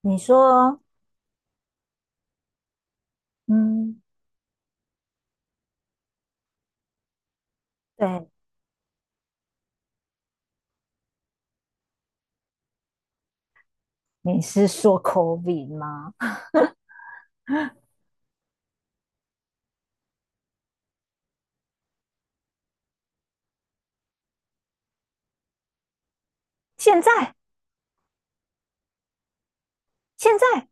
你说，嗯，对，你是说 COVID 吗？现在，现在，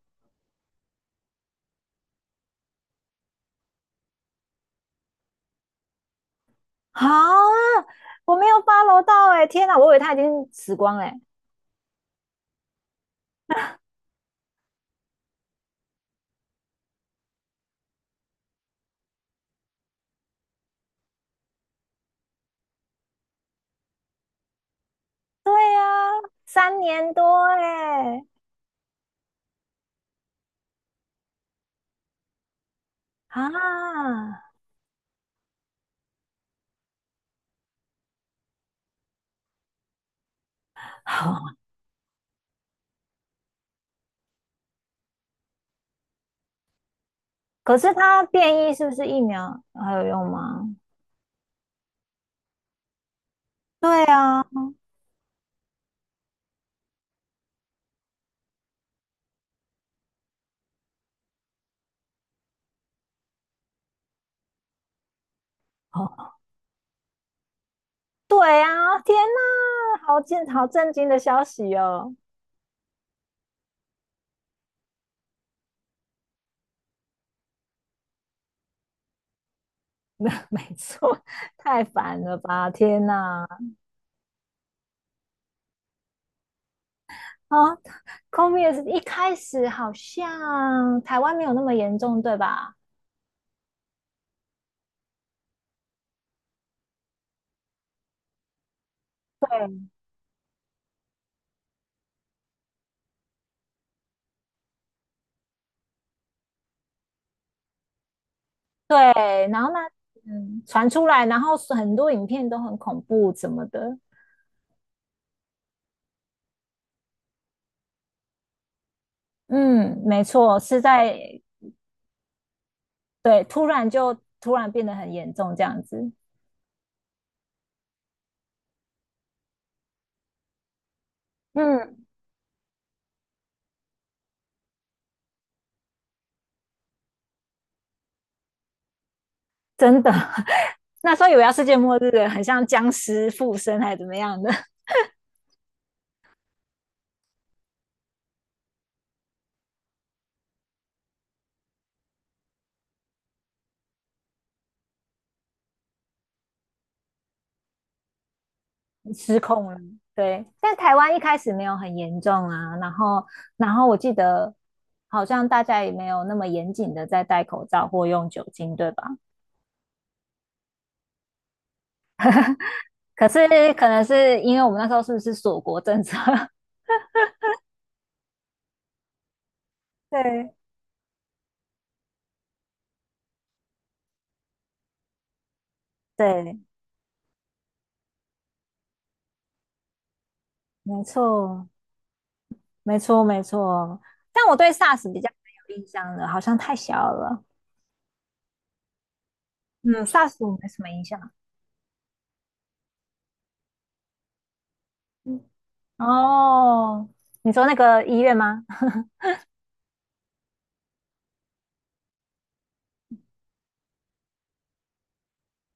好啊，我没有八楼到哎、天哪，我以为他已经死光哎、对呀、3年多哎、啊，好，可是他变异是不是疫苗还有用吗？对啊，哦，对啊，天哪，震惊的消息哦！没错，太烦了吧！天哪，啊 c o m i 也 s 一开始好像台湾没有那么严重，对吧？对，对，然后那传出来，然后很多影片都很恐怖什么的。嗯，没错，是在对，突然变得很严重这样子。嗯，真的，那时候以为要世界末日了，很像僵尸附身还是怎么样的。失控了。对，但台湾一开始没有很严重啊，然后我记得好像大家也没有那么严谨的在戴口罩或用酒精，对吧？可是可能是因为我们那时候是不是锁国政策？对，对，没错，没错，没错。但我对 SARS 比较没有印象了，好像太小了。嗯，SARS 我没什么印象。嗯哦，你说那个医院吗？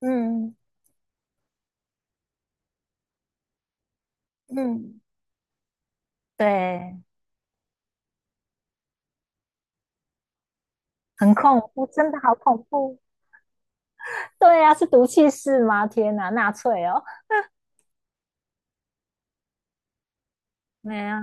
嗯嗯，对，很恐怖，真的好恐怖。对啊，是毒气室吗？天哪，纳粹哦。没啊，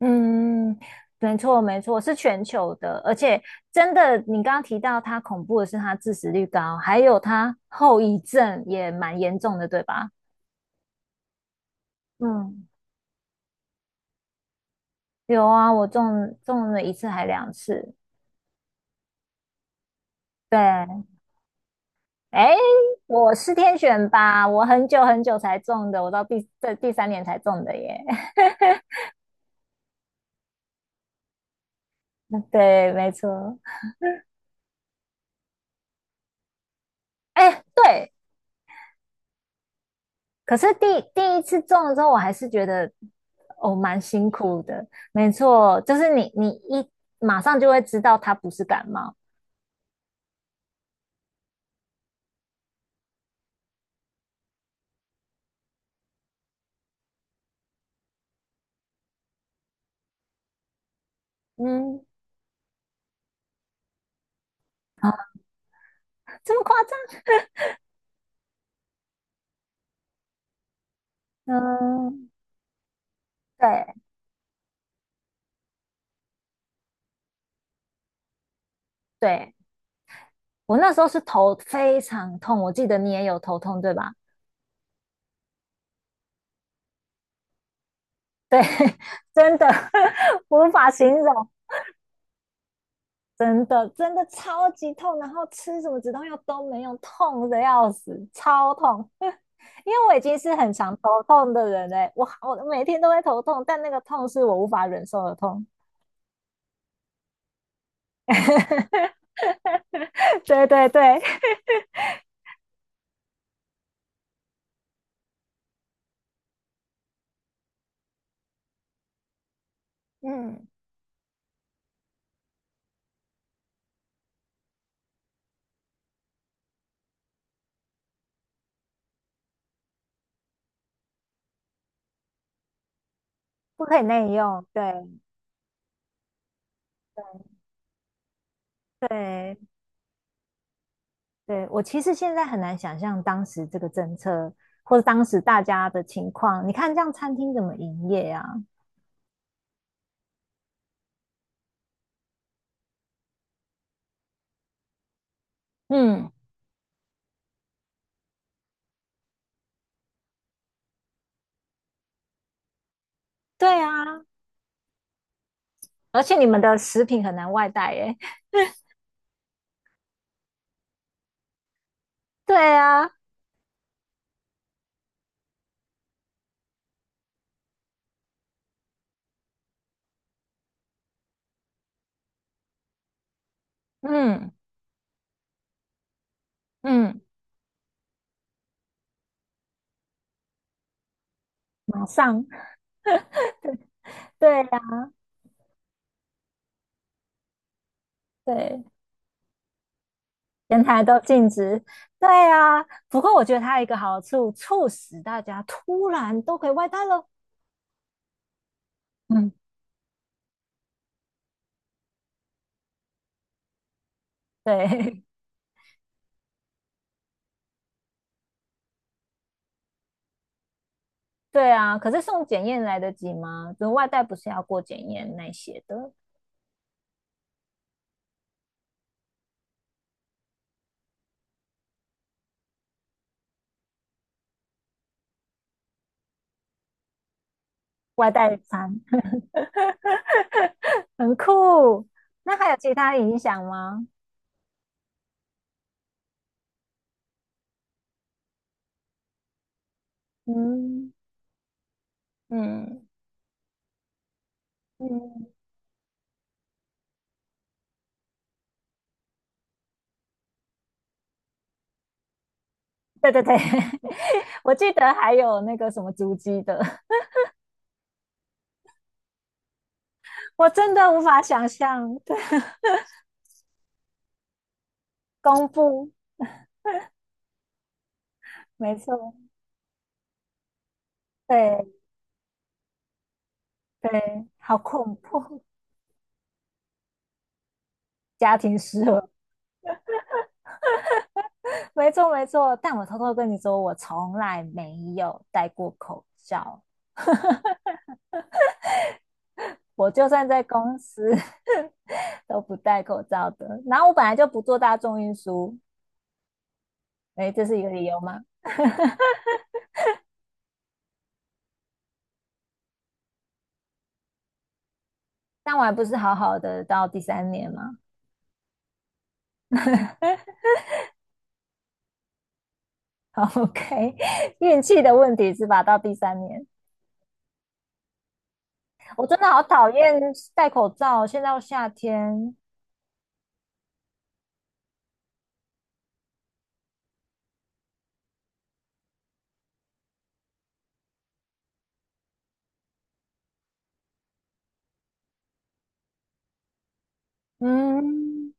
嗯，没错没错，是全球的，而且真的，你刚刚提到它恐怖的是它致死率高，还有它后遗症也蛮严重的，对吧？嗯，有啊，我中了一次还两次。对，哎，我是天选吧？我很久很久才中的，我到第三年才中的耶。对，没错。哎，对，可是第一次种了之候，我还是觉得哦蛮辛苦的。没错，就是你一马上就会知道它不是感冒，嗯，啊，这么夸张？嗯，对对，我那时候是头非常痛，我记得你也有头痛对吧？对，真的 无法形容，真的真的超级痛，然后吃什么止痛药都没用，痛的要死，超痛。因为我已经是很常头痛的人嘞，我每天都会头痛，但那个痛是我无法忍受的痛。对对对，嗯，不可以内用。对对对，我其实现在很难想象当时这个政策或者当时大家的情况。你看这样餐厅怎么营业啊？嗯对啊，而且你们的食品很难外带耶。对啊，嗯嗯，马上。对呀、对。前台都禁止。对啊，不过我觉得它有一个好处，促使大家突然都可以外带了。嗯，对 对啊。可是送检验来得及吗？就外带不是要过检验那些的，外带餐 很酷。那还有其他影响吗？嗯嗯，嗯，对对对，我记得还有那个什么足迹的，我真的无法想象。对，公布，没错，对。对，好恐怖，家庭失和，没错没错。但我偷偷跟你说，我从来没有戴过口罩，我就算在公司 都不戴口罩的。然后我本来就不坐大众运输，哎，这是一个理由吗？但我还不是好好的到第三年吗？好，OK，运气的问题是吧？到第三年，我真的好讨厌戴口罩。现在又夏天，嗯，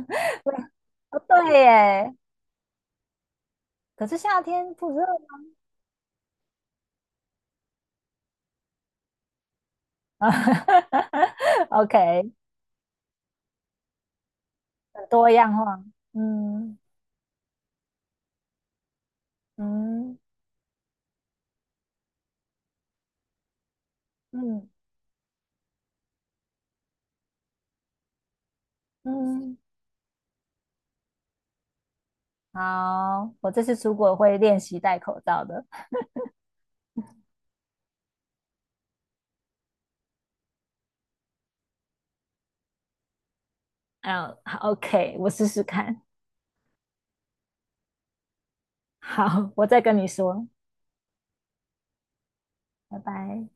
对耶，可是夏天不热吗 ？OK，很多样化。嗯嗯嗯嗯，好，我这次出国会练习戴口罩的。嗯好，OK，我试试看。好，我再跟你说，拜拜。